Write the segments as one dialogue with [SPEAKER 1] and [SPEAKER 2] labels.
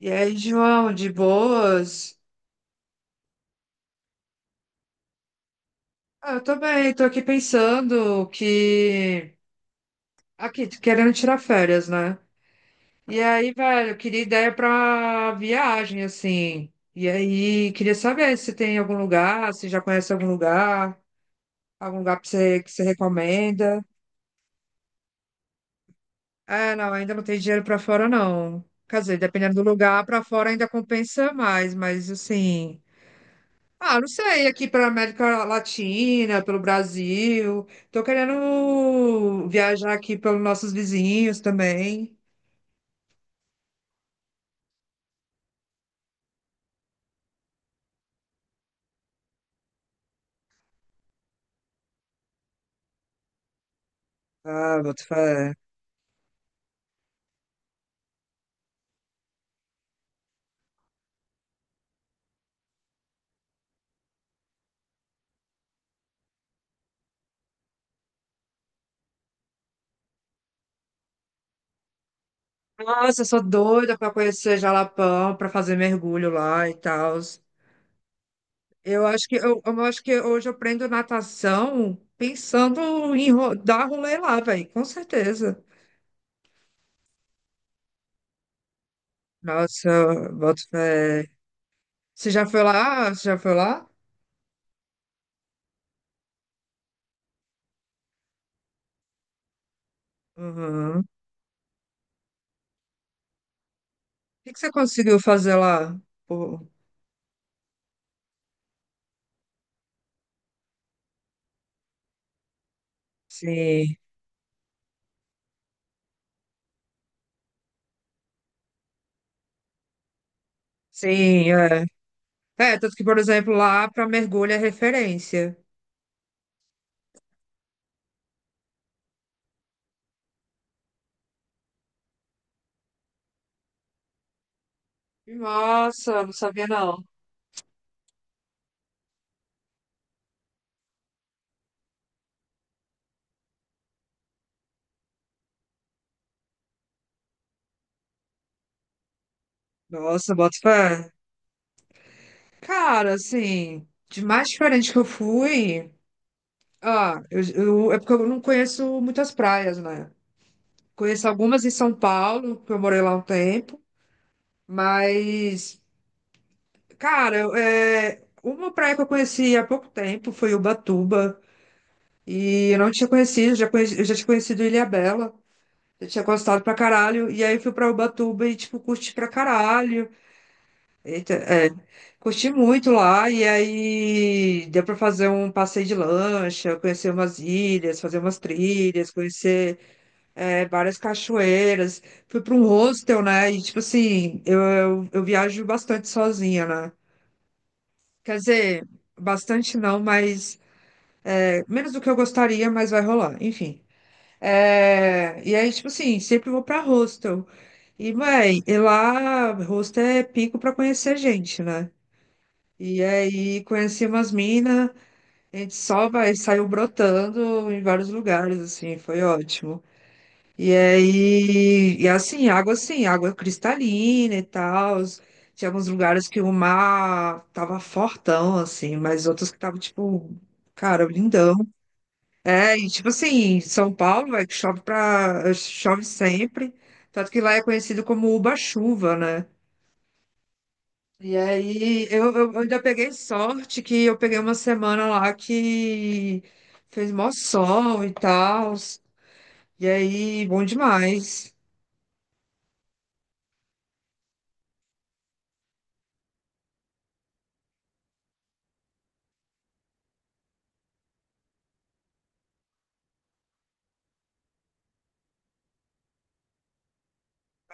[SPEAKER 1] E aí, João, de boas? Ah, eu tô bem, tô aqui pensando que. Aqui, querendo tirar férias, né? E aí, velho, eu queria ideia pra viagem, assim. E aí, queria saber se tem algum lugar, se já conhece algum lugar pra você, que você recomenda. É, não, ainda não tem dinheiro pra fora, não. Quer dizer, dependendo do lugar, pra fora ainda compensa mais, mas assim. Ah, não sei, aqui para América Latina, pelo Brasil. Tô querendo viajar aqui pelos nossos vizinhos também. Ah, boto fé. Nossa, eu sou doida para conhecer Jalapão, para fazer mergulho lá e tal. Eu acho que hoje eu aprendo natação pensando em dar rolê lá, velho, com certeza. Nossa, boto fé. Você já foi lá? Você já foi lá? Uhum. O que que você conseguiu fazer lá? Pô, sim. Sim, é. É, tanto que, por exemplo, lá para mergulho é referência. Nossa, não sabia não. Nossa, bota fé. Cara, assim, de mais diferente que eu fui, ah, é porque eu não conheço muitas praias, né? Conheço algumas em São Paulo, que eu morei lá um tempo, mas, cara, é, uma praia que eu conheci há pouco tempo foi Ubatuba, e eu não tinha conhecido, já conheci, eu já tinha conhecido Ilhabela. Eu tinha gostado pra caralho. E aí eu fui pra Ubatuba e, tipo, curti pra caralho. Eita, é, curti muito lá. E aí deu pra fazer um passeio de lancha, conhecer umas ilhas, fazer umas trilhas, conhecer várias cachoeiras. Fui pra um hostel, né? E, tipo assim, eu viajo bastante sozinha, né? Quer dizer, bastante não, mas é, menos do que eu gostaria, mas vai rolar. Enfim. É, e aí, tipo assim, sempre vou pra hostel. E, mãe, e lá, hostel é pico pra conhecer gente, né? E aí, conheci umas minas, a gente só vai, saiu brotando em vários lugares, assim, foi ótimo. E aí, e assim, água cristalina e tal. Tinha alguns lugares que o mar tava fortão, assim, mas outros que tava, tipo, cara, lindão. É, e tipo assim, São Paulo, é que chove sempre, tanto que lá é conhecido como Uba-chuva, né? E aí eu ainda peguei sorte que eu peguei uma semana lá que fez mó sol e tal, e aí bom demais.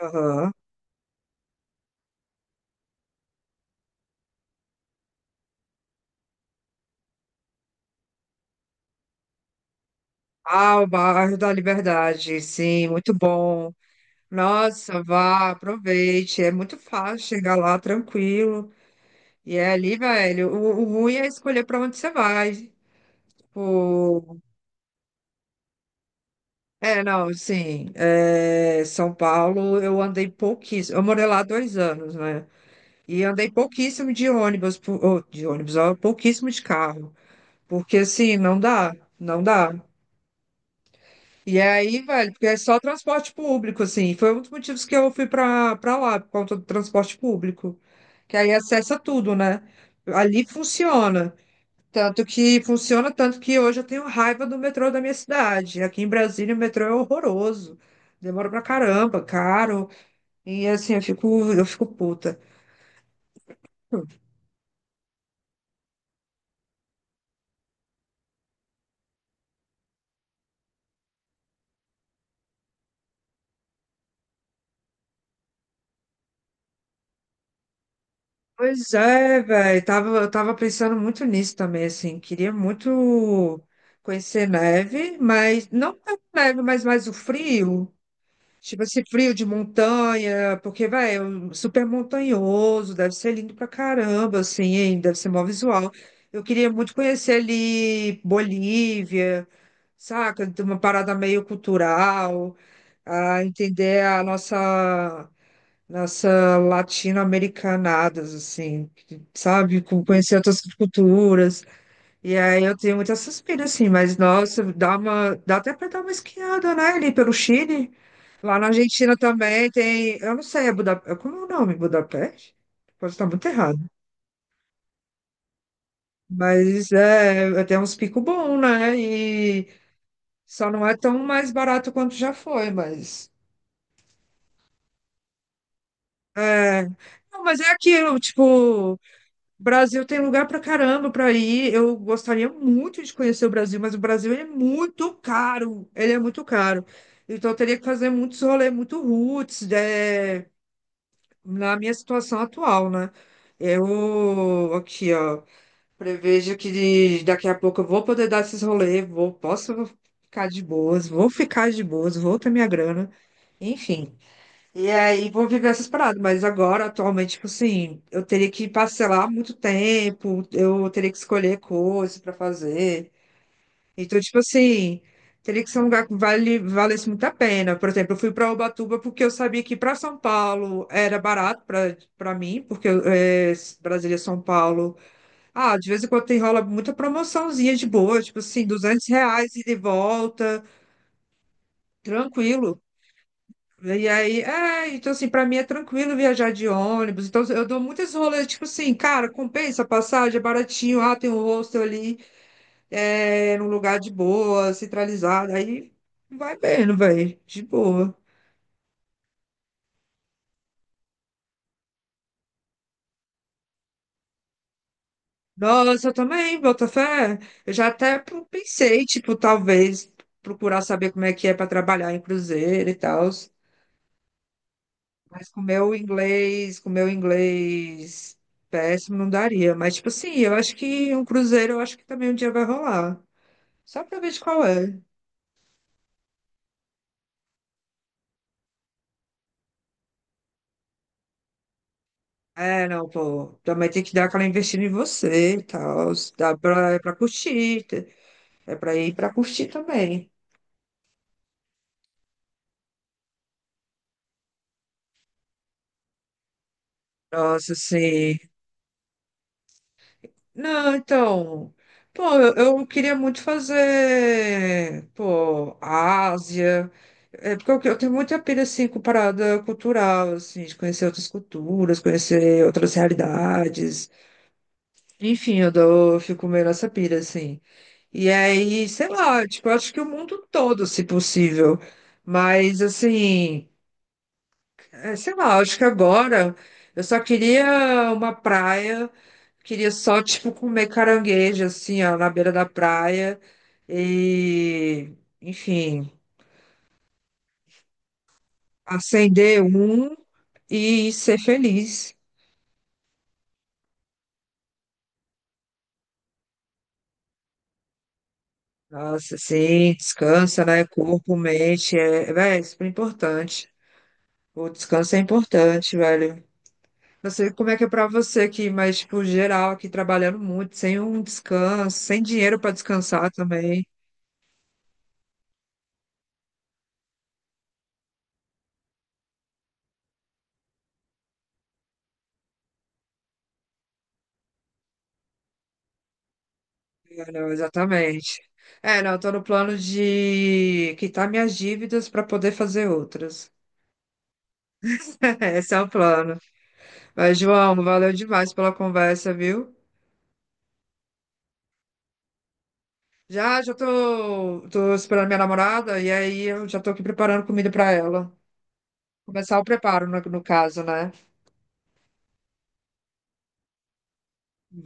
[SPEAKER 1] Aham. Ah, o bairro da Liberdade, sim, muito bom. Nossa, vá, aproveite. É muito fácil chegar lá tranquilo. E é ali, velho. O ruim é escolher para onde você vai. O... É, não, sim. É, São Paulo, eu andei pouquíssimo. Eu morei lá 2 anos, né? E andei pouquíssimo de ônibus, ou, de ônibus, ó, pouquíssimo de carro. Porque, assim, não dá, não dá. E aí, velho, porque é só transporte público, assim. Foi um dos motivos que eu fui pra, lá, por conta do transporte público. Que aí acessa tudo, né? Ali funciona. Tanto que funciona, tanto que hoje eu tenho raiva do metrô da minha cidade. Aqui em Brasília o metrô é horroroso. Demora pra caramba, caro. E assim, eu fico puta. Pois é, velho. Eu tava pensando muito nisso também, assim. Queria muito conhecer neve, mas não tanto neve, mas mais o frio. Tipo esse frio de montanha, porque, vai, é um super montanhoso, deve ser lindo pra caramba, assim, hein? Deve ser mó visual. Eu queria muito conhecer ali Bolívia, saca? Tem uma parada meio cultural, a entender a nossa latino-americanadas, assim, sabe? Conhecer outras culturas. E aí eu tenho muita suspira, assim, mas nossa, dá até para dar uma esquiada, né, ali pelo Chile. Lá na Argentina também tem, eu não sei, é Budapeste, como é o nome? Budapeste? Pode estar muito errado. Mas é, tem uns picos bons, né? E só não é tão mais barato quanto já foi, mas... É, não, mas é aquilo, tipo... Brasil tem lugar pra caramba pra ir. Eu gostaria muito de conhecer o Brasil, mas o Brasil ele é muito caro. Ele é muito caro. Então eu teria que fazer muitos rolês, muito roots, né, na minha situação atual, né? Eu aqui, ó, prevejo que daqui a pouco eu vou poder dar esses rolês, vou, posso ficar de boas, vou ficar de boas, vou ter minha grana, enfim. E aí vou viver essas paradas, mas agora, atualmente, tipo assim, eu teria que parcelar muito tempo, eu teria que escolher coisas pra fazer. Então, tipo assim, teria que ser um lugar que valesse muito a pena. Por exemplo, eu fui pra Ubatuba porque eu sabia que pra São Paulo era barato pra para mim, porque é, Brasília, São Paulo. Ah, de vez em quando tem rola muita promoçãozinha de boa, tipo assim, R$ 200 ida e de volta, tranquilo. E aí, é, então assim, pra mim é tranquilo viajar de ônibus. Então eu dou muitas rolês, tipo assim, cara, compensa a passagem, é baratinho, ah, tem um hostel ali, é, num lugar de boa, centralizado. Aí vai vendo, velho, de boa. Nossa, eu também, Botafé. Eu já até pensei, tipo, talvez procurar saber como é que é pra trabalhar em cruzeiro e tal. Mas com o meu inglês péssimo, não daria. Mas, tipo assim, eu acho que um cruzeiro, eu acho que também um dia vai rolar. Só pra ver de qual é. É, não, pô. Também tem que dar aquela investida em você e tal. É pra curtir. É pra ir pra curtir também. Nossa, sim. Não, então. Pô, eu queria muito fazer, pô, Ásia. É porque eu tenho muita pira, assim, com parada cultural, assim, de conhecer outras culturas, conhecer outras realidades. Enfim, eu fico meio nessa pira, assim. E aí, sei lá, tipo, eu acho que o mundo todo, se possível. Mas, assim, é, sei lá, acho que agora eu só queria uma praia. Queria só, tipo, comer caranguejo, assim, ó, na beira da praia. E, enfim, acender um e ser feliz. Nossa, sim, descansa, né? Corpo, mente, é, véi, é super importante. O descanso é importante, velho. Não sei como é que é pra você aqui, mas, tipo, geral, aqui trabalhando muito, sem um descanso, sem dinheiro pra descansar também. É, não, exatamente. É, não, eu tô no plano de quitar minhas dívidas para poder fazer outras. Esse é o plano. Mas, João, valeu demais pela conversa, viu? Já, já tô, esperando minha namorada e aí eu já tô aqui preparando comida para ela. Começar o preparo, no caso, né?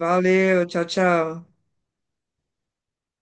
[SPEAKER 1] Valeu, tchau, tchau.